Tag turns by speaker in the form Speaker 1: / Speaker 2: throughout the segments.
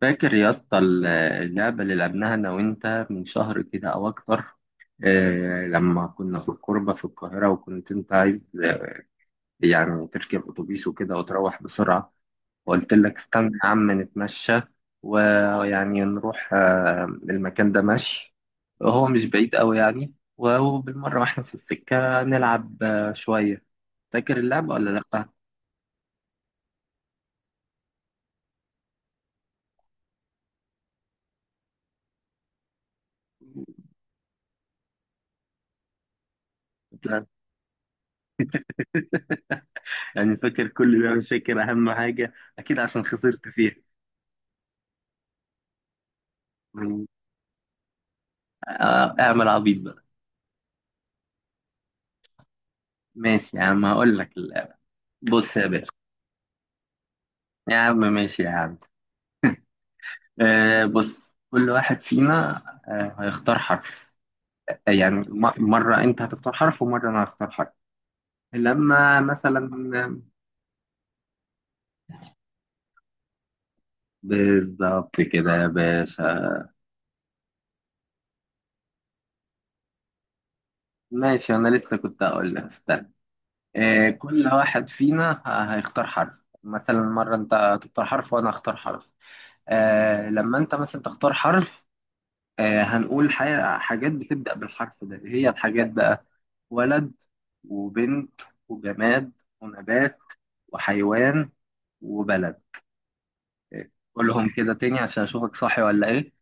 Speaker 1: فاكر يا اسطى اللعبة اللي لعبناها أنا وأنت من شهر كده أو أكتر. لما كنا في الكوربة في القاهرة وكنت أنت عايز، يعني تركب أتوبيس وكده وتروح بسرعة، وقلت لك استنى يا عم نتمشى، ويعني نروح المكان ده مشي. هو مش بعيد أوي يعني وبالمرة وإحنا في السكة نلعب شوية. فاكر اللعبة ولا لأ؟ يعني فاكر كل ده مش فاكر أهم حاجة، أكيد عشان خسرت فيها. اعمل عبيط بقى. ماشي يا عم هقول لك بص يا باشا. يا عم ماشي يا عم. بص، كل واحد فينا هيختار حرف. مرة انت هتختار حرف ومرة انا هختار حرف. لما مثلا، بالظبط كده يا باشا. ماشي انا لسه كنت هقول لك استنى. كل واحد فينا هيختار حرف. مثلا مرة انت تختار حرف وانا هختار حرف. لما انت مثلا تختار حرف، هنقول حاجة، حاجات بتبدأ بالحرف ده، إيه هي الحاجات بقى؟ ولد، وبنت، وجماد، ونبات، وحيوان، وبلد. قولهم كده تاني عشان أشوفك صاحي ولا إيه.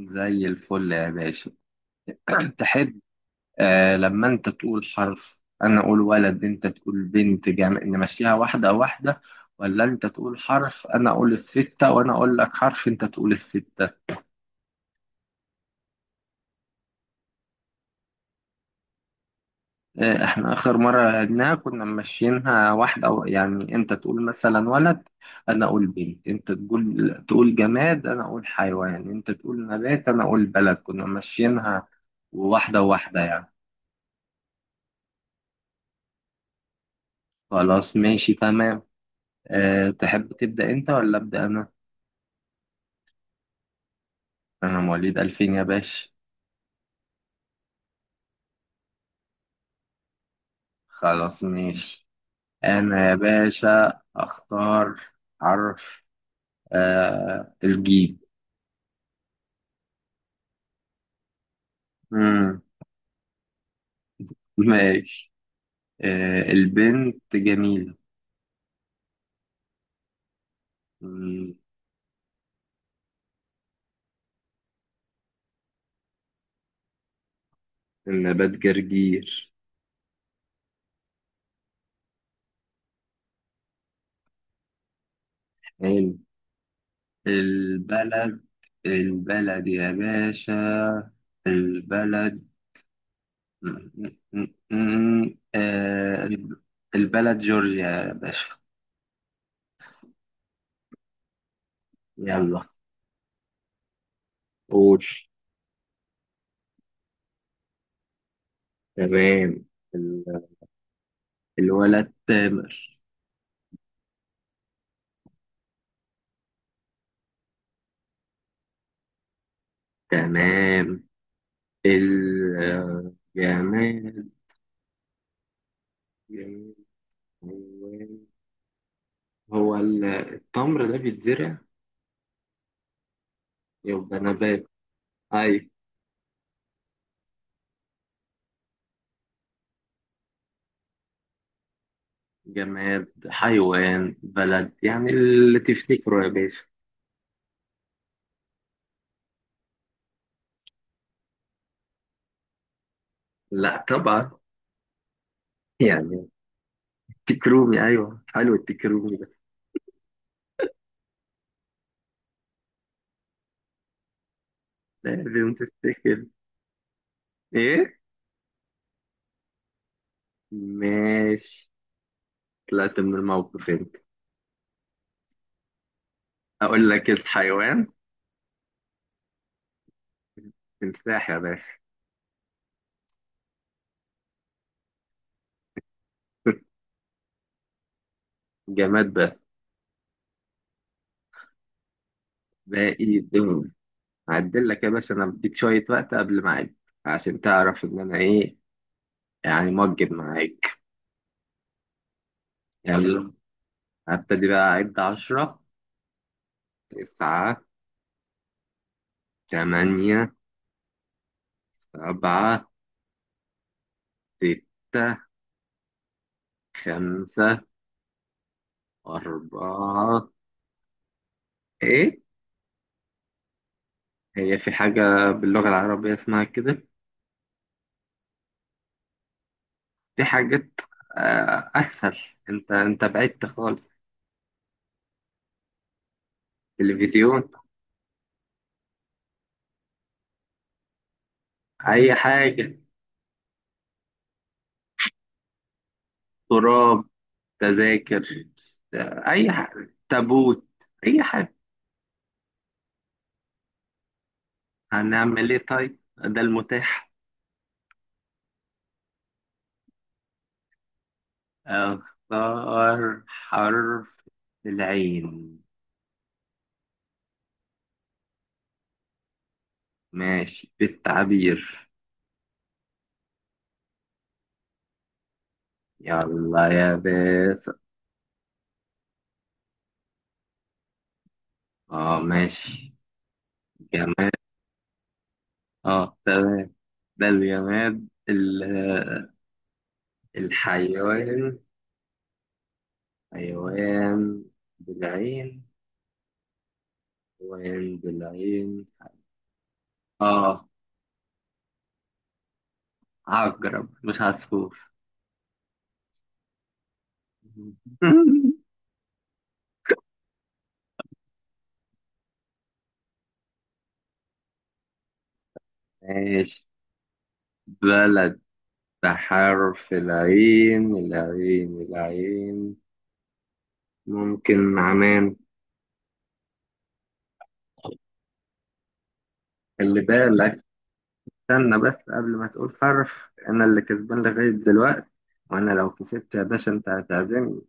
Speaker 1: زي الفل يا باشا. تحب، لما أنت تقول حرف أنا أقول ولد، أنت تقول بنت، جماد، نمشيها واحدة واحدة، ولا أنت تقول حرف أنا أقول الستة وأنا أقول لك حرف أنت تقول الستة. احنا اخر مره لعبناها كنا ماشيينها واحده، أو يعني انت تقول مثلا ولد، انا اقول بنت، انت تقول جماد، انا اقول حيوان، انت تقول نبات، انا اقول بلد، كنا ماشيينها واحده واحده يعني. خلاص ماشي تمام. أه، تحب تبدا انت ولا ابدا انا؟ انا مواليد 2000 يا باشا. خلاص ماشي. انا يا باشا اختار حرف. أه، الجيم. مم، ماشي. أه، البنت جميل. مم. النبات جرجير. حلو. البلد، البلد يا باشا، البلد. مم، مم، البلد جورجيا يا باشا. يلا. قول. تمام. ال- الولد تامر. تمام. الجماد جماد، جماد، حيوان. هو التمر ده بيتزرع، يبقى نبات. أيوة. جماد، حيوان، بلد، يعني اللي تفتكره يا باشا. لا طبعا. يعني تكرومي، ايوه حلو التكرومي ده. لازم تفتكر. ايه، ماشي. طلعت من الموقف انت. اقول لك الحيوان، تمساح يا باشا. جماد بس، باقي دهون. هعدل لك يا باشا، انا بديك شوية وقت قبل ما اعد، عشان تعرف ان انا ايه، يعني موجب معاك. يلا، هبتدي بقى اعد. عشرة، تسعة، تمانية، سبعة، ستة، خمسة، أربعة. إيه؟ هي في حاجة باللغة العربية اسمها كده؟ في حاجات أسهل. أنت بعدت خالص. تلفزيون، أي حاجة، تراب، تذاكر، أي حاجة، تابوت، أي حاجة. هنعمل إيه طيب؟ ده المتاح. أختار حرف. العين. ماشي بالتعبير. يلا يا باسل. اه ماشي. جمال. اه تمام. ده الجماد الحيوان. حيوان بالعين، حيوان بالعين. اه، عقرب مش عصفور. ماشي. بلد بحرف العين، العين. ممكن عمان. خلي بالك، استنى بس قبل ما تقول حرف، انا اللي كسبان لغاية دلوقتي، وانا لو كسبت يا باشا انت هتعزمني.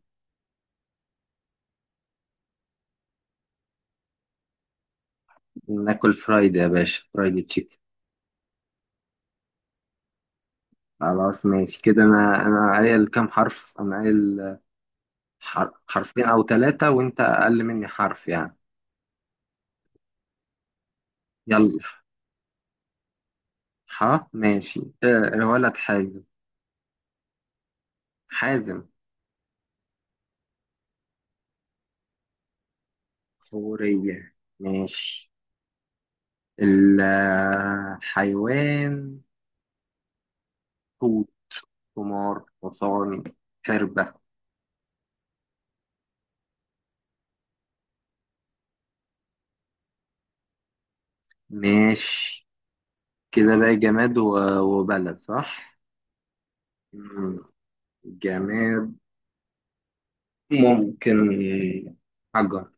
Speaker 1: ناكل فرايدي يا باشا، فرايدي تشيكن. خلاص ماشي كده. انا قايل كام حرف؟ انا قايل حرفين او ثلاثة، وانت اقل مني حرف يعني. يلا. ح، ماشي. الولد حازم. حازم، حورية. ماشي. الحيوان حوت، حمار، حصان، حربة. ماشي. كده بقى جماد وبلد صح. مم. جماد، ممكن حجر.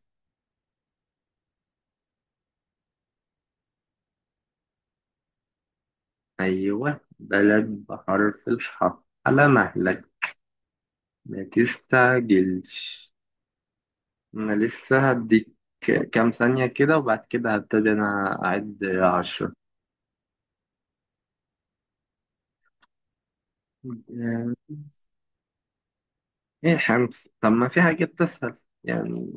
Speaker 1: أيوة، بلد بحرف الحاء، على مهلك، ما تستعجلش، أنا لسه هديك كام ثانية كده وبعد كده هبتدي أنا أعد عشرة. آه، إيه خمس؟ طب ما في حاجات تسهل يعني،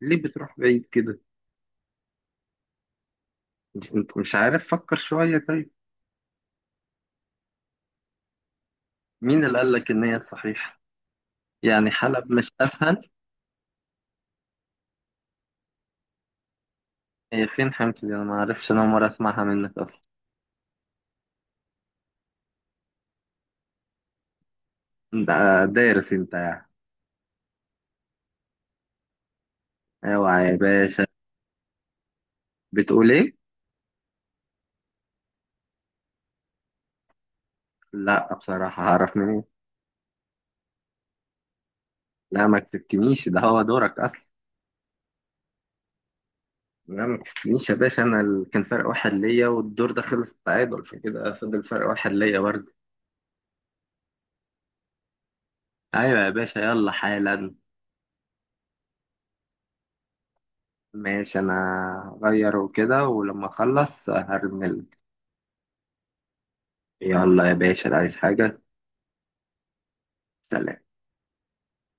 Speaker 1: ليه بتروح بعيد كده؟ أنت مش عارف، فكر شوية طيب. مين اللي قال لك إن هي صحيحة؟ يعني حلب مش أسهل؟ هي فين حمص دي؟ أنا ما أعرفش، أنا أول مرة أسمعها منك أصلا. أنت دارس أنت يعني. أيوة يا باشا. بتقول إيه؟ لا بصراحة، هعرف منين. لا ما كسبتنيش، ده هو دورك أصلا. لا ما كسبتنيش يا باشا. أنا كان فرق واحد ليا، والدور ده خلص تعادل، فكده فضل فرق واحد ليا برضه. أيوة يا باشا، يلا حالا. ماشي، أنا هغير وكده، ولما أخلص هرنلك. يلا يا باشا، عايز حاجة؟ سلام.